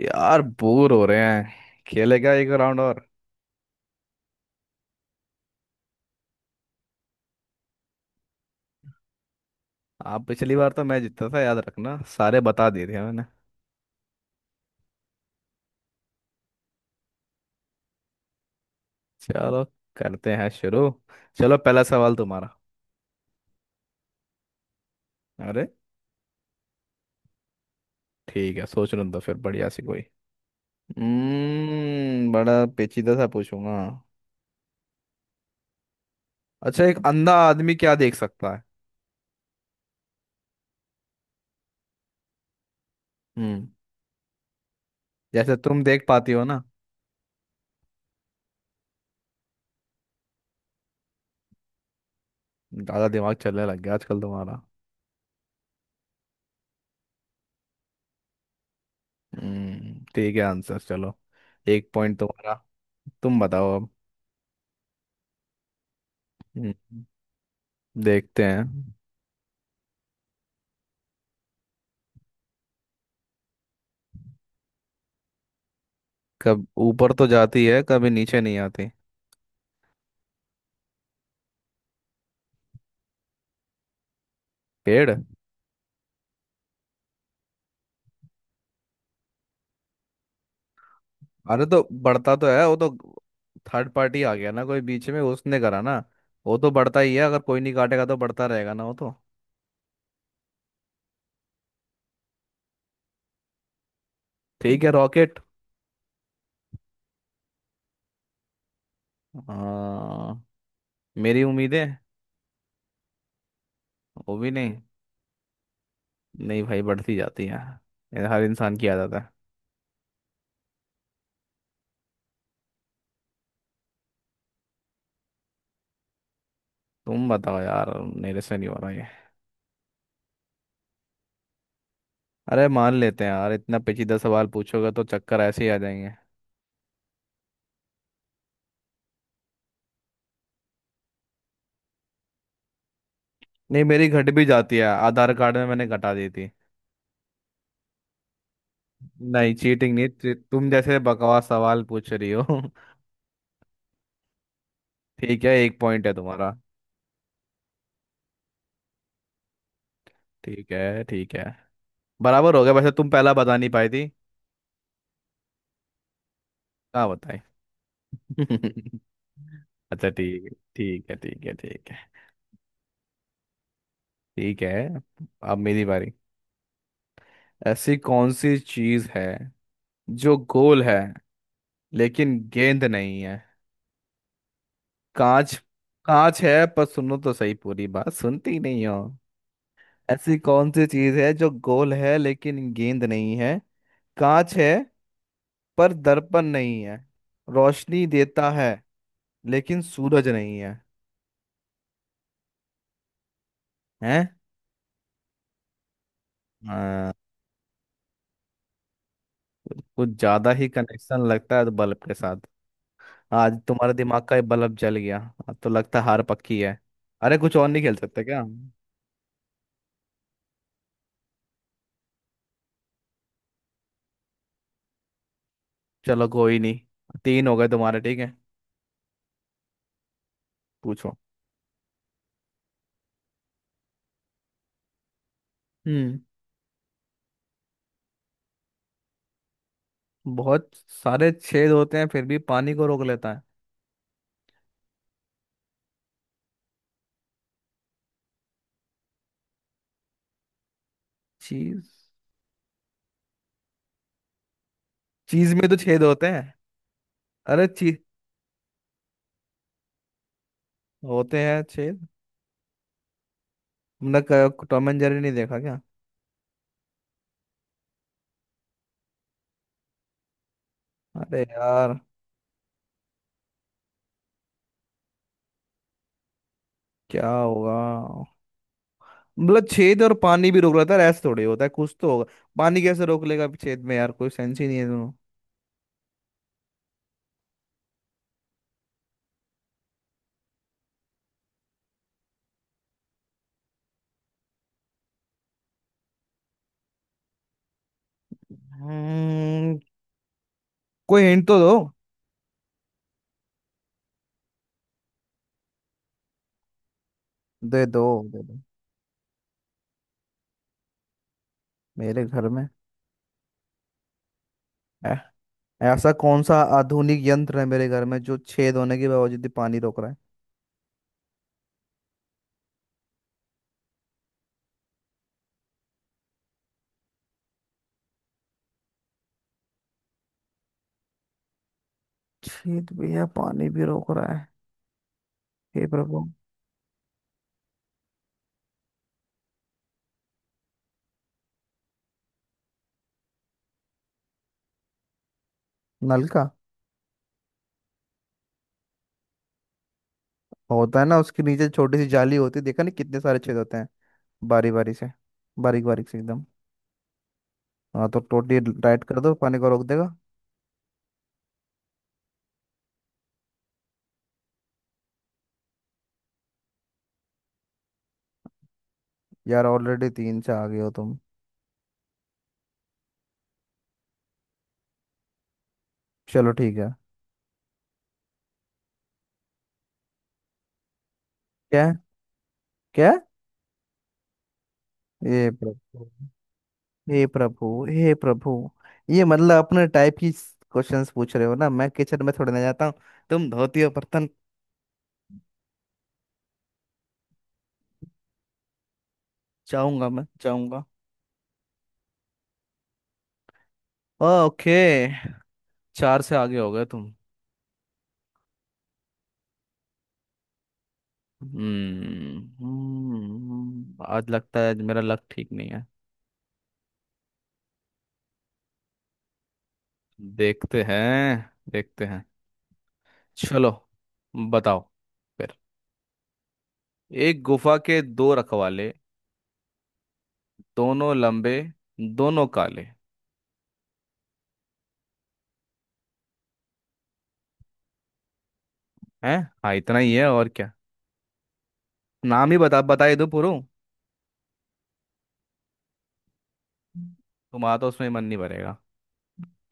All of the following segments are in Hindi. यार बोर हो रहे हैं खेलेगा एक राउंड और। आप पिछली बार तो मैं जीता था, याद रखना, सारे बता दिए थे मैंने। चलो करते हैं शुरू। चलो पहला सवाल तुम्हारा। अरे ठीक है, सोच रहा था फिर बढ़िया सी कोई। बड़ा पेचीदा सा पूछूंगा। अच्छा, एक अंधा आदमी क्या देख सकता है? हम्म जैसे तुम देख पाती हो ना। ज्यादा दिमाग चलने लग गया आजकल तुम्हारा। ठीक है, आंसर चलो। एक पॉइंट तुम्हारा। तुम बताओ अब। हम्म, देखते हैं। कब ऊपर तो जाती है कभी नीचे नहीं आती? पेड़। अरे तो बढ़ता तो है वो तो, थर्ड पार्टी आ गया ना कोई बीच में उसने करा ना। वो तो बढ़ता ही है, अगर कोई नहीं काटेगा तो बढ़ता रहेगा ना वो तो। ठीक है, रॉकेट। हाँ, मेरी उम्मीद है। वो भी नहीं, नहीं भाई बढ़ती जाती है। ये हर इंसान की आदत है। तुम बताओ यार, मेरे से नहीं हो रहा ये। अरे मान लेते हैं यार, इतना पेचीदा सवाल पूछोगे तो चक्कर ऐसे ही आ जाएंगे। नहीं मेरी घट भी जाती है, आधार कार्ड में मैंने घटा दी थी। नहीं चीटिंग नहीं, तुम जैसे बकवास सवाल पूछ रही हो। ठीक है, एक पॉइंट है तुम्हारा। ठीक है ठीक है। बराबर हो गया, वैसे तुम पहला बता नहीं पाई थी। कहाँ बताए? अच्छा ठीक है ठीक है ठीक है ठीक है ठीक है। अब मेरी बारी। ऐसी कौन सी चीज है जो गोल है लेकिन गेंद नहीं है? कांच। कांच है, पर सुनो तो सही, पूरी बात सुनती नहीं हो। ऐसी कौन सी चीज है जो गोल है लेकिन गेंद नहीं है? कांच है पर दर्पण नहीं है, रोशनी देता है लेकिन सूरज नहीं है। हैं? हाँ। कुछ कुछ ज्यादा ही कनेक्शन लगता है तो बल्ब के साथ। आज तुम्हारे दिमाग का ये बल्ब जल गया। अब तो लगता है हार पक्की है। अरे कुछ और नहीं खेल सकते क्या? चलो कोई नहीं। तीन हो गए तुम्हारे, ठीक है। पूछो। हम्म बहुत सारे छेद होते हैं फिर भी पानी को रोक लेता है? चीज। चीज में तो छेद होते हैं। अरे चीज। होते हैं छेद। तुमने टॉम एंड जेरी नहीं देखा क्या? अरे यार, क्या होगा? मतलब छेद और पानी भी रोक रहा था, ऐसा थोड़ी होता है, कुछ तो होगा। पानी कैसे रोक लेगा छेद में, यार कोई सेंस ही नहीं है दोनों। हम्म, कोई हिंट तो दो। दे दो। दे दो। मेरे घर में? ऐ- ऐसा कौन सा आधुनिक यंत्र है मेरे घर में जो छेद होने के बावजूद भी पानी रोक रहा है? छेद भी है पानी भी रोक रहा है, हे प्रभु। नल का। होता है ना, उसके नीचे छोटी सी जाली होती है, देखा नहीं कितने सारे छेद होते हैं। बारी बारी से, बारीक बारीक से एकदम। हाँ तो टोटली राइट कर दो, पानी को रोक देगा। यार ऑलरेडी तीन से आ गए हो तुम। चलो ठीक है। क्या? क्या? हे प्रभु। हे प्रभु हे प्रभु। ये मतलब अपने टाइप की क्वेश्चंस पूछ रहे हो ना, मैं किचन में थोड़ी ना जाता हूँ। तुम धोती हो बर्तन। जाऊंगा, मैं जाऊंगा। ओके। चार से आगे हो गए तुम। आज लगता है मेरा लक ठीक नहीं है। देखते हैं देखते हैं। चलो बताओ फिर। एक गुफा के दो रखवाले, दोनों लंबे, दोनों काले। हैं? हाँ इतना ही है, और क्या? नाम ही बता बताए दो पूरा। तुम्हारा तो उसमें मन नहीं भरेगा।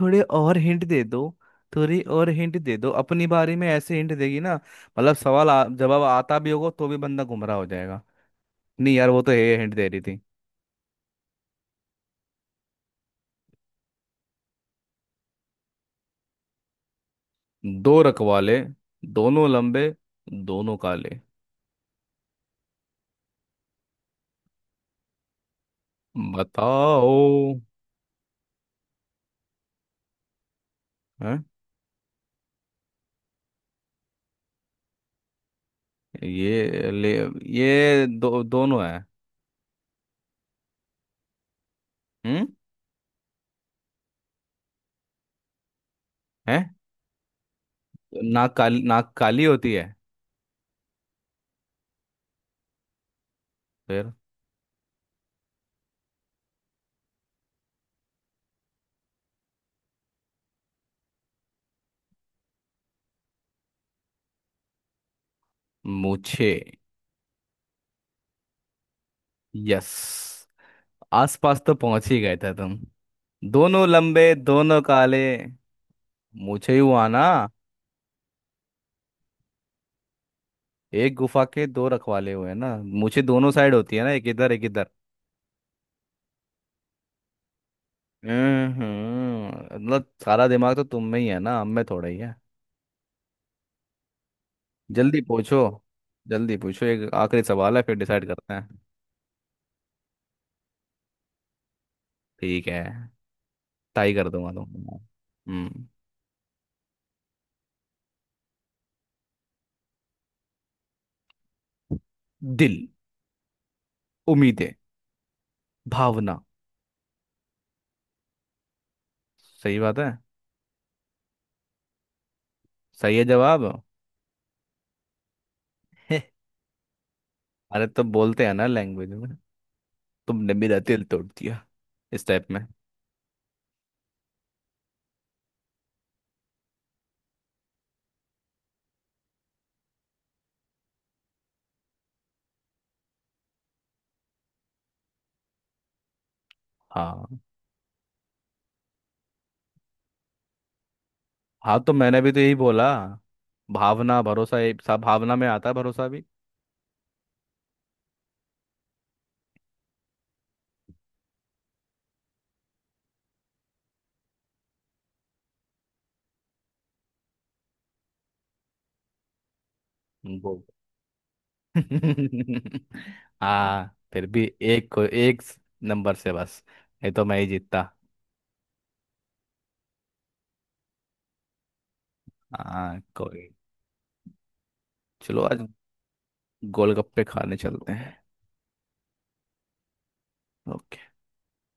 थोड़े और हिंट दे दो। थोड़ी और हिंट दे दो, अपनी बारे में ऐसे हिंट देगी ना, मतलब जवाब आता भी होगा तो भी बंदा गुमराह हो जाएगा। नहीं यार वो तो ये हिंट दे रही थी। दो रखवाले, दोनों लंबे, दोनों काले। बताओ। हैं? ये ले, ये दो दोनों है। हम्म। हैं? नाक काली, नाक काली होती है। फिर? मुझे। यस। आसपास तो पहुंच ही गए थे तुम। दोनों लंबे, दोनों काले। मुझे ही हुआ ना। एक गुफा के दो रखवाले हुए हैं ना, मुझे दोनों साइड होती है ना, एक इधर एक इधर। हम्म। मतलब सारा दिमाग तो तुम में ही है ना, हम में थोड़ा ही है। जल्दी पूछो। जल्दी पूछो, एक आखिरी सवाल है फिर डिसाइड करते हैं। ठीक है। टाई कर दूंगा तुम। हम्म। दिल। उम्मीदें। भावना। सही बात है। सही है जवाब। अरे तो बोलते हैं ना लैंग्वेज में, तुमने मेरा दिल तोड़ दिया, इस टाइप में। हाँ। हाँ तो मैंने भी तो यही बोला। भावना, भरोसा, ये सब भावना में आता है, भरोसा भी। वो हाँ फिर भी एक को एक नंबर से बस, ये तो मैं ही जीतता। हाँ कोई। चलो आज गोलगप्पे खाने चलते हैं। ओके।